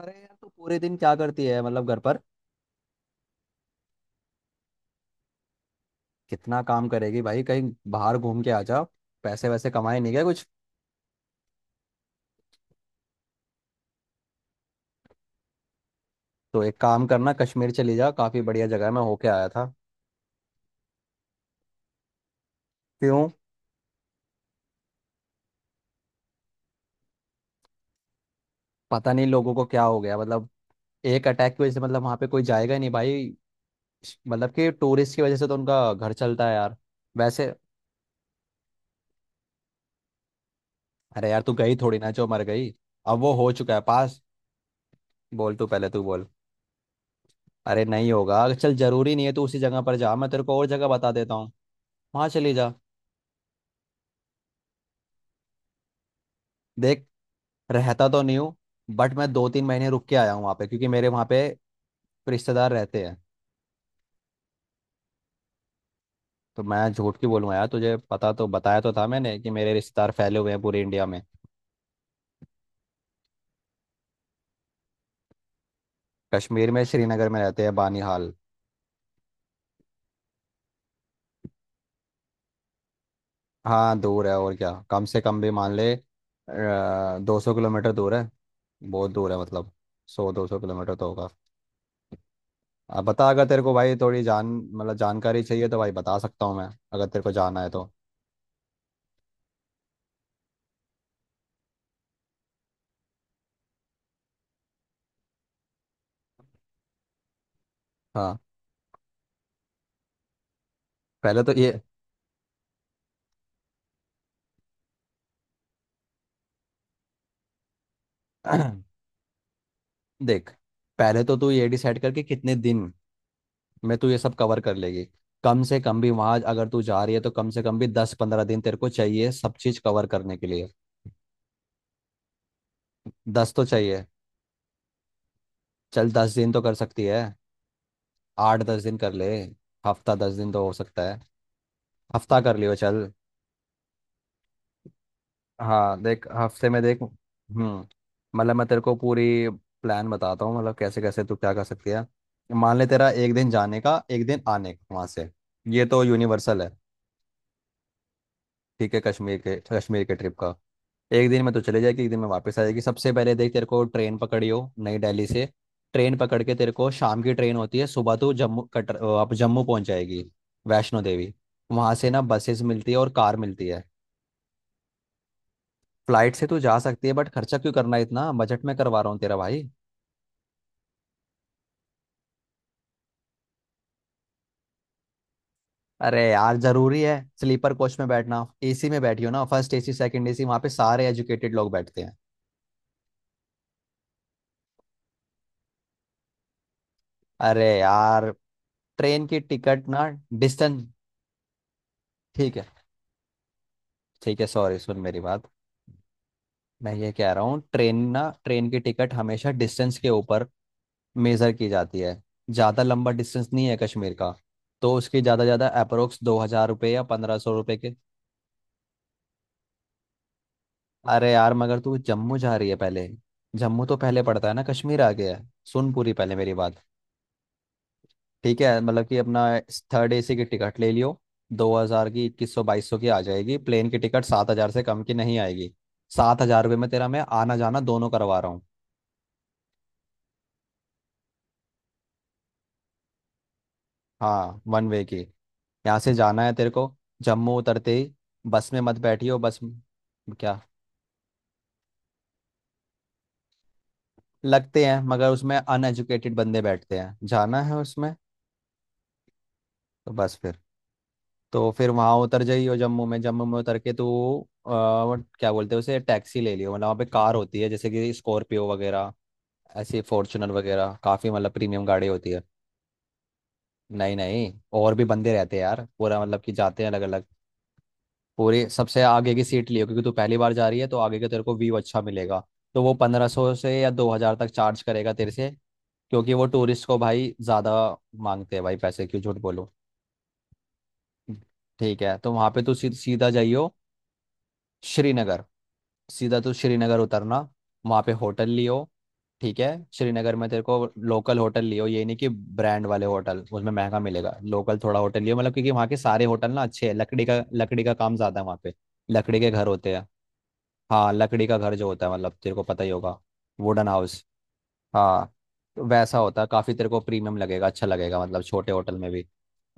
अरे यार, तू पूरे दिन क्या करती है मतलब घर पर। कितना काम करेगी भाई, कहीं बाहर घूम के आ जा। पैसे वैसे कमाए नहीं गए कुछ? तो एक काम करना, कश्मीर चली जा, काफी बढ़िया जगह है, मैं होके आया था। क्यों? पता नहीं लोगों को क्या हो गया मतलब। एक अटैक की वजह से मतलब वहां पे कोई जाएगा ही नहीं भाई। मतलब कि टूरिस्ट की वजह से तो उनका घर चलता है यार। वैसे। अरे यार तू गई थोड़ी ना जो मर गई। अब वो हो चुका है पास। बोल, तू पहले, तू बोल। अरे नहीं होगा, चल, जरूरी नहीं है तू उसी जगह पर जा, मैं तेरे को और जगह बता देता हूँ। वहां चली जा। देख। रहता तो नहीं हूँ। बट मैं 2-3 महीने रुक के आया हूँ वहाँ पे, क्योंकि मेरे वहाँ पे रिश्तेदार रहते हैं। तो मैं झूठ क्यों बोलूँगा यार, तुझे पता, तो बताया तो था मैंने कि मेरे रिश्तेदार फैले हुए हैं पूरे इंडिया में। कश्मीर में श्रीनगर में रहते हैं बानीहाल। हाँ दूर है और क्या, कम से कम भी मान ले 200 किलोमीटर दूर है। बहुत दूर है मतलब। 100-200 किलोमीटर तो होगा। अब बता, अगर तेरे को भाई थोड़ी जान मतलब जानकारी चाहिए तो भाई बता सकता हूँ मैं, अगर तेरे को जाना है तो। हाँ। पहले तो ये। देख, पहले तो तू ये डिसाइड करके कितने दिन में तू ये सब कवर कर लेगी। कम से कम भी वहां अगर तू जा रही है तो कम से कम भी 10-15 दिन तेरे को चाहिए सब चीज कवर करने के लिए। दस तो चाहिए। चल, 10 दिन तो कर सकती है। 8-10 दिन कर ले। हफ्ता दस दिन तो हो सकता है। हफ्ता कर लियो चल। हाँ देख, हफ्ते में देख। मतलब मैं तेरे को पूरी प्लान बताता हूँ, मतलब कैसे कैसे तू क्या कर सकती है। मान ले तेरा एक दिन जाने का, एक दिन आने का वहां से। ये तो यूनिवर्सल है। ठीक है। कश्मीर के ट्रिप का एक दिन में तो चले जाएगी, एक दिन में वापस आ जाएगी। सबसे पहले देख, तेरे को ट्रेन पकड़ी हो नई दिल्ली से। ट्रेन पकड़ के तेरे को शाम की ट्रेन होती है, सुबह तो जम्मू कटर, आप जम्मू पहुंच जाएगी। वैष्णो देवी। वहां से ना बसेस मिलती है और कार मिलती है। फ्लाइट से तो जा सकती है बट खर्चा क्यों करना है, इतना बजट में करवा रहा हूँ तेरा भाई। अरे यार, जरूरी है। स्लीपर कोच में बैठना, एसी में बैठी हो ना, फर्स्ट एसी सेकंड एसी, वहां पे सारे एजुकेटेड लोग बैठते हैं। अरे यार। ट्रेन की टिकट ना, डिस्टेंस। ठीक है। ठीक है सॉरी, सुन मेरी बात। मैं ये कह रहा हूँ, ट्रेन ना, ट्रेन की टिकट हमेशा डिस्टेंस के ऊपर मेजर की जाती है। ज़्यादा लंबा डिस्टेंस नहीं है कश्मीर का। तो उसकी ज़्यादा ज़्यादा अप्रोक्स ₹2,000 या ₹1,500 के। अरे यार, मगर तू जम्मू जा रही है पहले। जम्मू तो पहले पड़ता है ना, कश्मीर आ गया है। सुन पूरी पहले मेरी बात। ठीक है, मतलब कि अपना थर्ड एसी की टिकट ले लियो। 2,000 की, 2,100 2,200 की आ जाएगी। प्लेन की टिकट 7,000 से कम की नहीं आएगी। ₹7,000 में तेरा मैं आना जाना दोनों करवा रहा हूँ। हाँ, वन वे की। यहाँ से जाना है तेरे को। जम्मू उतरते ही बस में मत बैठियो, क्या। लगते हैं, मगर उसमें अनएजुकेटेड बंदे बैठते हैं, जाना है उसमें? तो बस फिर, तो फिर वहाँ उतर जाइयो जम्मू में, जम्मू में उतर के तो क्या बोलते हैं उसे, टैक्सी ले लियो। मतलब वहाँ पे कार होती है जैसे कि स्कॉर्पियो वगैरह, ऐसी फॉर्चुनर वगैरह, काफ़ी मतलब प्रीमियम गाड़ी होती है। नहीं नहीं। और भी बंदे रहते हैं यार, पूरा मतलब कि जाते हैं अलग अलग। पूरी सबसे आगे की सीट लियो, क्योंकि तू पहली बार जा रही है तो आगे का तेरे को व्यू अच्छा मिलेगा। तो वो 1,500 से या 2,000 तक चार्ज करेगा तेरे से, क्योंकि वो टूरिस्ट को भाई ज़्यादा मांगते हैं भाई, पैसे क्यों झूठ बोलो। ठीक है, तो वहाँ पे तू सीधा जाइयो श्रीनगर। सीधा तू श्रीनगर उतरना। वहाँ पे होटल लियो। ठीक है। श्रीनगर में तेरे को लोकल होटल लियो, ये नहीं कि ब्रांड वाले होटल, उसमें महंगा मिलेगा, लोकल थोड़ा होटल लियो, मतलब क्योंकि वहाँ के सारे होटल ना अच्छे हैं। लकड़ी का काम ज़्यादा है वहाँ पे। लकड़ी के घर होते हैं। हाँ, लकड़ी का घर जो होता है, मतलब तेरे को पता ही होगा, वुडन हाउस। हाँ। तो वैसा होता है, काफ़ी तेरे को प्रीमियम लगेगा, अच्छा लगेगा, मतलब छोटे होटल में भी।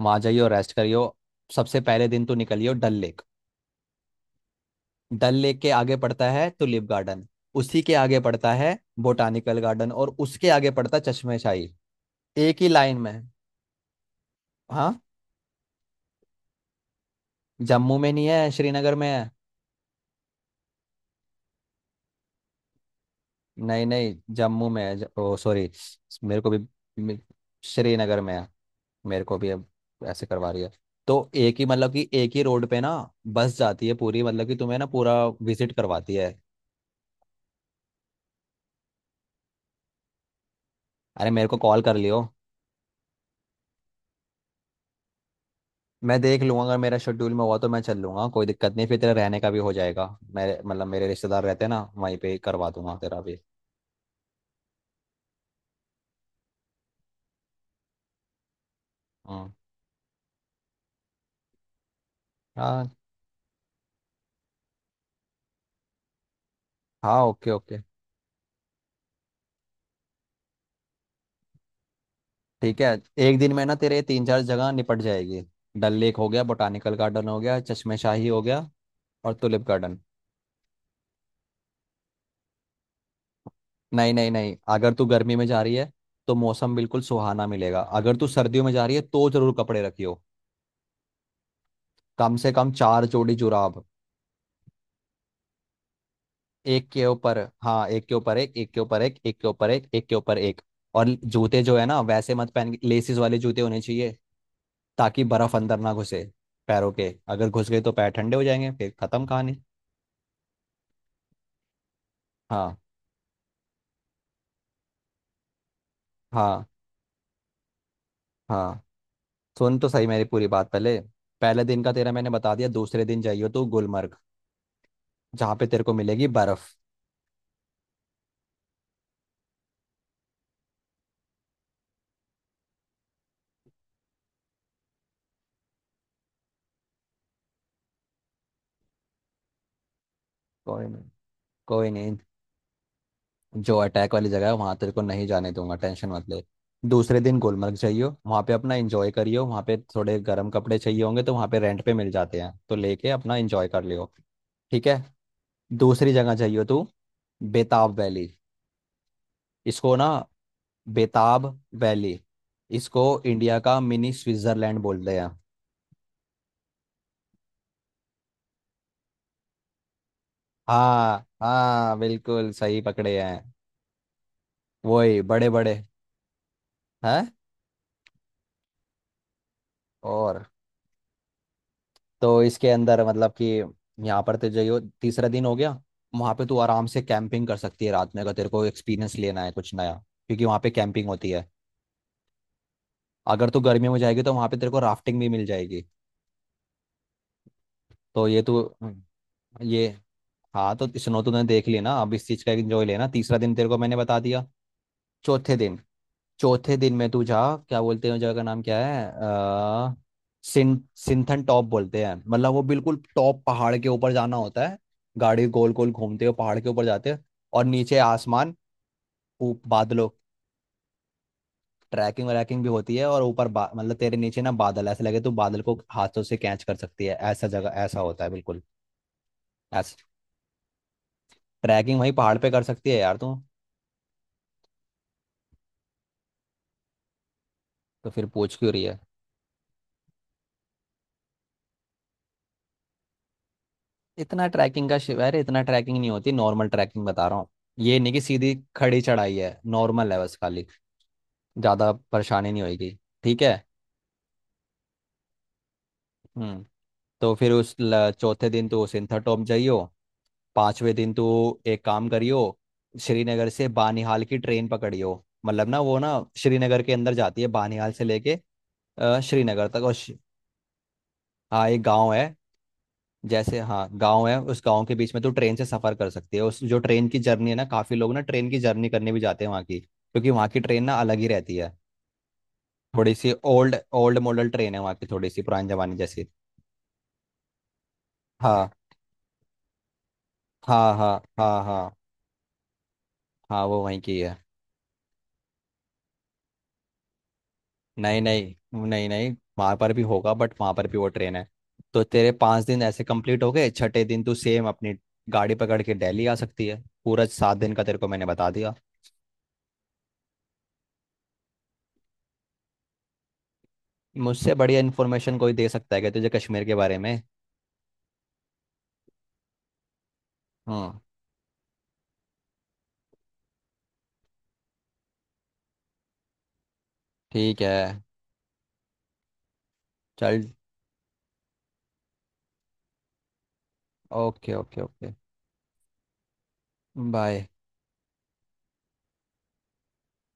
वहाँ जाइयो, रेस्ट करियो। सबसे पहले दिन तो निकलियो डल लेक। डल लेक के आगे पड़ता है टुलिप गार्डन। उसी के आगे पड़ता है बोटानिकल गार्डन, और उसके आगे पड़ता है चश्मे शाही। एक ही लाइन में। हाँ। जम्मू में नहीं है, श्रीनगर में है। नहीं नहीं, जम्मू में है, ओ सॉरी। मेरे को भी मे- श्रीनगर में है। मेरे को भी अब ऐसे करवा रही है। तो एक ही मतलब कि एक ही रोड पे ना बस जाती है पूरी, मतलब कि तुम्हें ना पूरा विजिट करवाती है। अरे, मेरे को कॉल कर लियो। मैं देख लूंगा, अगर मेरा शेड्यूल में हुआ तो मैं चल लूंगा, कोई दिक्कत नहीं, फिर तेरा रहने का भी हो जाएगा। मेरे मतलब मेरे रिश्तेदार रहते हैं ना, वहीं पे ही करवा दूंगा तेरा भी। हाँ। हाँ। हाँ। Okay okay. ठीक है। एक दिन में ना तेरे 3-4 जगह निपट जाएगी। डल लेक हो गया, बोटानिकल गार्डन हो गया, चश्मे शाही हो गया, और टुलिप गार्डन। नहीं नहीं नहीं, अगर तू गर्मी में जा रही है तो मौसम बिल्कुल सुहाना मिलेगा, अगर तू सर्दियों में जा रही है तो जरूर कपड़े रखियो। कम से कम 4 जोड़ी जुराब। एक के ऊपर, हाँ, एक के ऊपर एक, एक के ऊपर एक, एक के ऊपर एक, एक के ऊपर एक। और जूते जो है ना वैसे मत पहन के, लेसिस वाले जूते होने चाहिए, ताकि बर्फ अंदर ना घुसे। पैरों के अगर घुस गए तो पैर ठंडे हो जाएंगे, फिर खत्म कहानी। हाँ। हाँ। हाँ। सुन तो सही मेरी पूरी बात पहले। पहले दिन का तेरा मैंने बता दिया। दूसरे दिन जाइयो तू गुलमर्ग, जहाँ पे तेरे को मिलेगी बर्फ। कोई नहीं, कोई नहीं, जो अटैक वाली जगह है वहां तेरे को नहीं जाने दूंगा, टेंशन मत ले। दूसरे दिन गुलमर्ग चाहिए, वहां पे अपना एंजॉय करियो, वहां पे थोड़े गर्म कपड़े चाहिए होंगे तो वहां पे रेंट पे मिल जाते हैं, तो लेके अपना एंजॉय कर लियो। ठीक है। दूसरी जगह चाहिए तू, बेताब वैली। इसको ना, बेताब वैली, इसको इंडिया का मिनी स्विट्जरलैंड बोलते हैं। हाँ हाँ, बिल्कुल सही पकड़े हैं। वही बड़े बड़े हैं। और, तो इसके अंदर मतलब कि यहाँ पर तुझे यो तीसरा दिन हो गया। वहाँ पे तू आराम से कैंपिंग कर सकती है रात में, अगर तेरे को एक्सपीरियंस लेना है कुछ नया, क्योंकि वहाँ पे कैंपिंग होती है। अगर तू गर्मियों में जाएगी तो वहाँ पे तेरे को राफ्टिंग भी मिल जाएगी। तो ये तू, ये, हाँ, तो स्नो तूने देख ली ना, अब इस चीज़ का एंजॉय लेना। तीसरा दिन तेरे को मैंने बता दिया। चौथे दिन, चौथे दिन में तू जा, क्या बोलते हैं उस जगह का नाम, क्या है, सिंथन टॉप बोलते हैं, मतलब वो बिल्कुल टॉप पहाड़ के ऊपर जाना होता है। गाड़ी गोल गोल घूमते हुए पहाड़ के ऊपर जाते हैं, और नीचे आसमान, बादलों। ट्रैकिंग व्रैकिंग भी होती है, और ऊपर मतलब तेरे नीचे ना बादल ऐसे लगे तो बादल को हाथों से कैच कर सकती है, ऐसा, जगह ऐसा होता है बिल्कुल। ऐसा, ट्रैकिंग वहीं पहाड़ पे कर सकती है यार तू। तो फिर पूछ क्यों रही है इतना, ट्रैकिंग का शिव, अरे इतना ट्रैकिंग नहीं होती, नॉर्मल ट्रैकिंग बता रहा हूँ। ये नहीं कि सीधी खड़ी चढ़ाई है, नॉर्मल है बस खाली। ज़्यादा परेशानी नहीं होगी। ठीक है। हम्म। तो फिर उस, चौथे दिन तो सिंथर टॉप जाइयो। पांचवें दिन तो एक काम करियो, श्रीनगर से बानिहाल की ट्रेन पकड़ियो। मतलब ना वो ना श्रीनगर के अंदर जाती है बानिहाल से लेके श्रीनगर तक, और हाँ, एक गाँव है। जैसे, हाँ गांव है, उस गांव के बीच में तो ट्रेन से सफर कर सकती है। उस जो ट्रेन की जर्नी है ना, काफी लोग ना ट्रेन की जर्नी करने भी जाते हैं वहाँ की, क्योंकि वहाँ की ट्रेन ना अलग ही रहती है। थोड़ी सी ओल्ड ओल्ड मॉडल ट्रेन है वहाँ की, थोड़ी सी पुराने जमाने जैसी। हाँ हाँ। हाँ हाँ। हाँ, हाँ वो वहीं की है। नहीं नहीं। नहीं नहीं, वहाँ पर भी होगा बट वहाँ पर भी वो ट्रेन है। तो तेरे 5 दिन ऐसे कंप्लीट हो गए, छठे दिन तू सेम अपनी गाड़ी पकड़ के दिल्ली आ सकती है। पूरा 7 दिन का तेरे को मैंने बता दिया। मुझसे बढ़िया इन्फॉर्मेशन कोई दे सकता है क्या तुझे कश्मीर के बारे में? हाँ। ठीक है। चल। Okay okay okay. बाय।